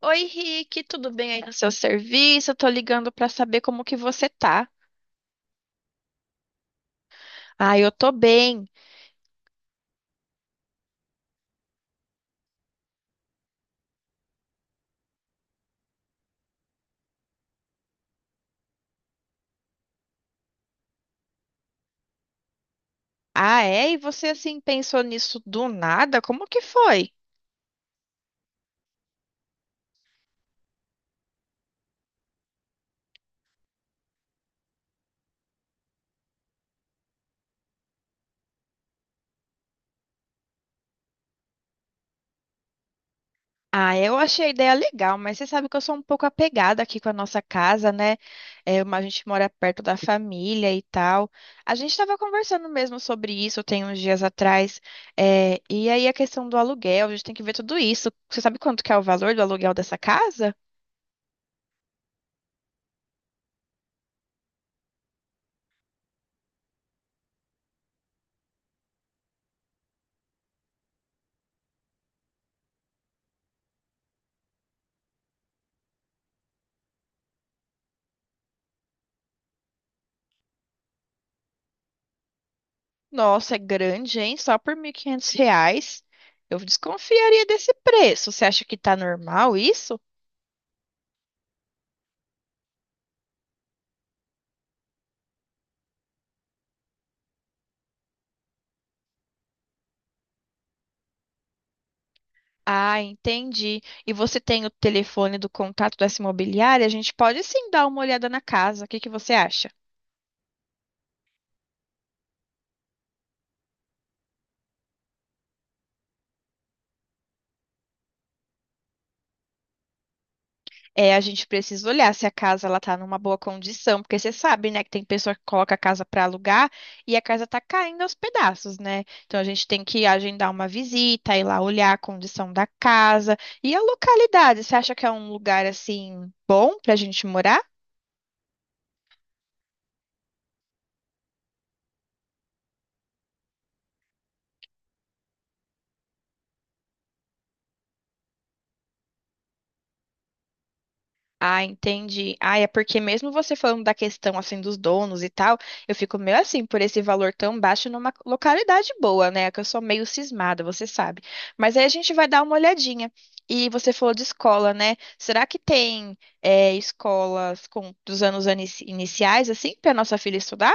Oi, Rick, tudo bem aí no seu serviço? Eu tô ligando pra saber como que você tá. Ah, eu tô bem. Ah, é? E você assim pensou nisso do nada? Como que foi? Ah, eu achei a ideia legal, mas você sabe que eu sou um pouco apegada aqui com a nossa casa, né? É, a gente mora perto da família e tal. A gente estava conversando mesmo sobre isso tem uns dias atrás. É, e aí a questão do aluguel, a gente tem que ver tudo isso. Você sabe quanto que é o valor do aluguel dessa casa? Nossa, é grande, hein? Só por 1.500 reais. Eu desconfiaria desse preço. Você acha que tá normal isso? Ah, entendi. E você tem o telefone do contato dessa imobiliária? A gente pode sim dar uma olhada na casa. O que que você acha? É, a gente precisa olhar se a casa ela tá numa boa condição, porque você sabe, né, que tem pessoa que coloca a casa para alugar e a casa tá caindo aos pedaços, né? Então a gente tem que agendar uma visita, ir lá olhar a condição da casa e a localidade. Você acha que é um lugar assim bom pra gente morar? Ah, entendi. Ah, é porque mesmo você falando da questão assim dos donos e tal, eu fico meio assim por esse valor tão baixo numa localidade boa, né? Que eu sou meio cismada, você sabe. Mas aí a gente vai dar uma olhadinha. E você falou de escola, né? Será que tem é, escolas com dos anos iniciais assim para nossa filha estudar?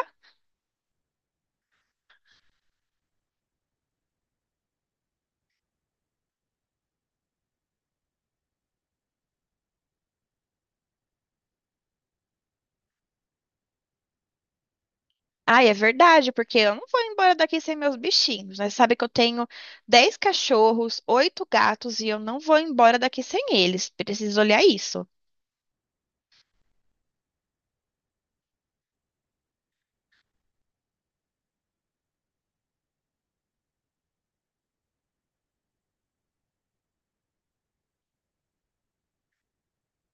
Ah, é verdade, porque eu não vou embora daqui sem meus bichinhos, né? Sabe que eu tenho 10 cachorros, 8 gatos e eu não vou embora daqui sem eles. Preciso olhar isso.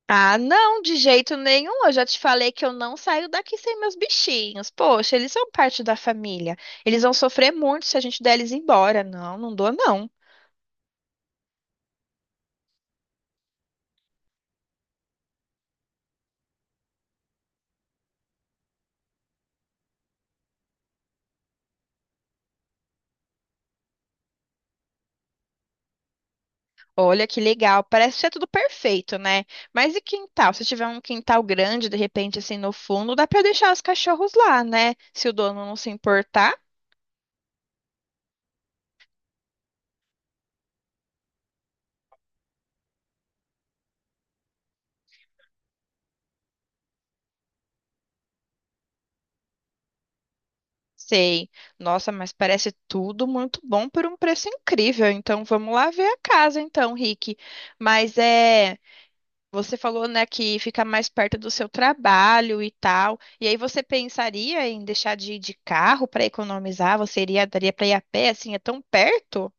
Ah, não, de jeito nenhum. Eu já te falei que eu não saio daqui sem meus bichinhos. Poxa, eles são parte da família. Eles vão sofrer muito se a gente der eles embora. Não, não dou, não. Olha que legal. Parece ser tudo perfeito, né? Mas e quintal? Se tiver um quintal grande, de repente, assim, no fundo, dá pra deixar os cachorros lá, né? Se o dono não se importar. Sei. Nossa, mas parece tudo muito bom por um preço incrível. Então, vamos lá ver a casa, então, Rick. Mas é. Você falou, né, que fica mais perto do seu trabalho e tal. E aí você pensaria em deixar de ir de carro para economizar? Você iria, daria para ir a pé, assim, é tão perto?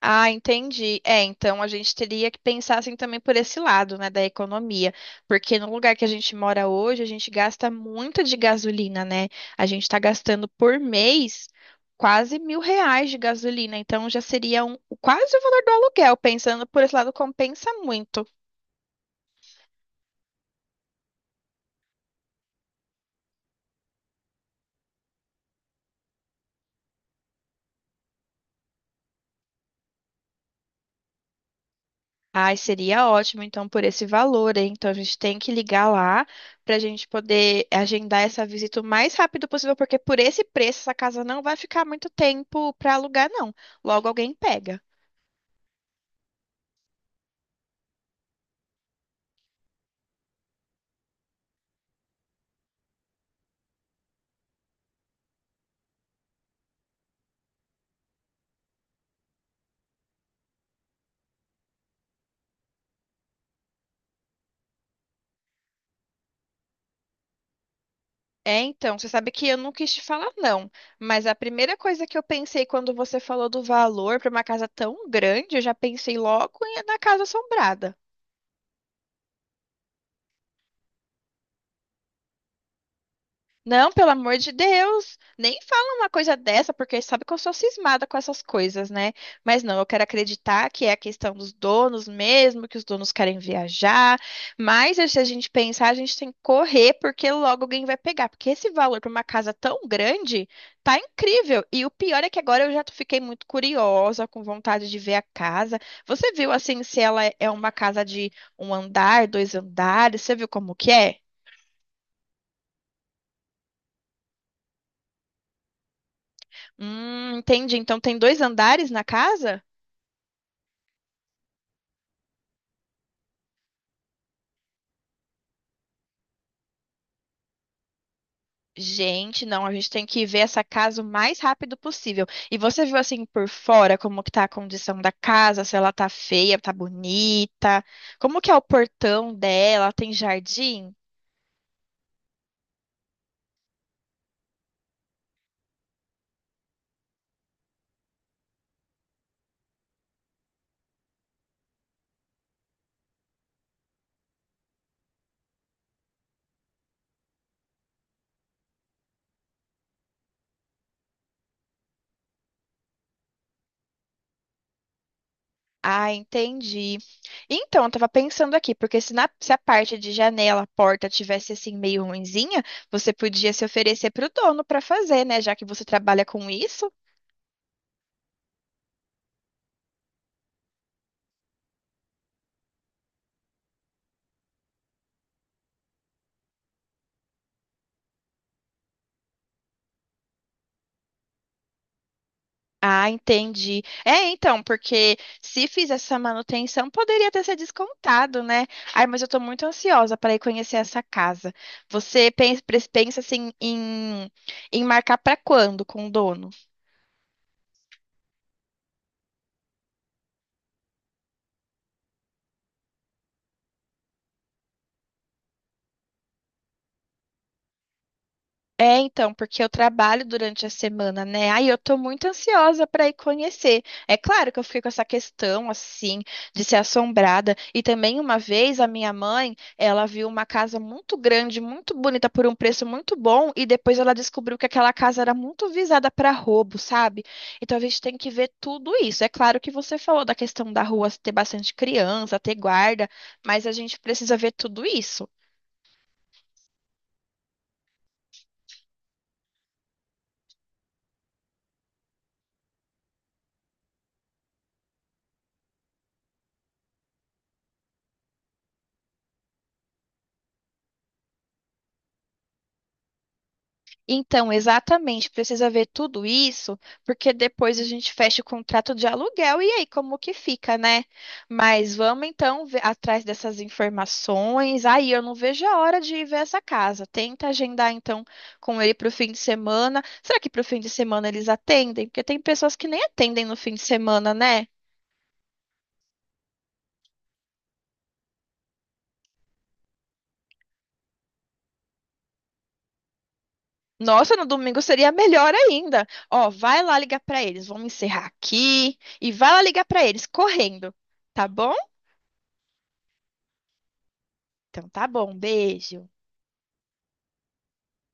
Ah, entendi. É, então a gente teria que pensar assim também por esse lado, né, da economia, porque no lugar que a gente mora hoje, a gente gasta muito de gasolina, né? A gente está gastando por mês quase 1.000 reais de gasolina, então já seria um, quase o valor do aluguel. Pensando por esse lado, compensa muito. Ai, seria ótimo, então, por esse valor, hein? Então, a gente tem que ligar lá para a gente poder agendar essa visita o mais rápido possível, porque por esse preço, essa casa não vai ficar muito tempo para alugar, não. Logo alguém pega. É, então, você sabe que eu não quis te falar, não, mas a primeira coisa que eu pensei quando você falou do valor para uma casa tão grande, eu já pensei logo na casa assombrada. Não, pelo amor de Deus, nem fala uma coisa dessa, porque sabe que eu sou cismada com essas coisas, né? Mas não, eu quero acreditar que é a questão dos donos mesmo, que os donos querem viajar. Mas se a gente pensar, a gente tem que correr, porque logo alguém vai pegar. Porque esse valor para uma casa tão grande tá incrível. E o pior é que agora eu já fiquei muito curiosa, com vontade de ver a casa. Você viu assim se ela é uma casa de um andar, dois andares? Você viu como que é? Entendi. Então tem dois andares na casa? Gente, não, a gente tem que ver essa casa o mais rápido possível. E você viu assim por fora como que tá a condição da casa, se ela tá feia, tá bonita, como que é o portão dela, tem jardim? Ah, entendi. Então, eu tava pensando aqui, porque se, se a parte de janela, porta tivesse assim meio ruinzinha, você podia se oferecer pro dono pra fazer, né? Já que você trabalha com isso. Ah, entendi. É, então, porque se fiz essa manutenção, poderia ter sido descontado, né? Ai, mas eu tô muito ansiosa para ir conhecer essa casa. Você pensa, pensa assim em, em marcar para quando com o dono? É, então, porque eu trabalho durante a semana, né? Aí eu tô muito ansiosa para ir conhecer. É claro que eu fiquei com essa questão, assim, de ser assombrada. E também uma vez a minha mãe, ela viu uma casa muito grande, muito bonita, por um preço muito bom, e depois ela descobriu que aquela casa era muito visada para roubo, sabe? Então a gente tem que ver tudo isso. É claro que você falou da questão da rua ter bastante criança, ter guarda, mas a gente precisa ver tudo isso. Então, exatamente, precisa ver tudo isso, porque depois a gente fecha o contrato de aluguel e aí como que fica, né? Mas vamos então atrás dessas informações. Aí eu não vejo a hora de ir ver essa casa. Tenta agendar então com ele para o fim de semana. Será que para o fim de semana eles atendem? Porque tem pessoas que nem atendem no fim de semana, né? Nossa, no domingo seria melhor ainda. Ó, vai lá ligar para eles. Vamos encerrar aqui e vai lá ligar para eles correndo, tá bom? Então tá bom, beijo.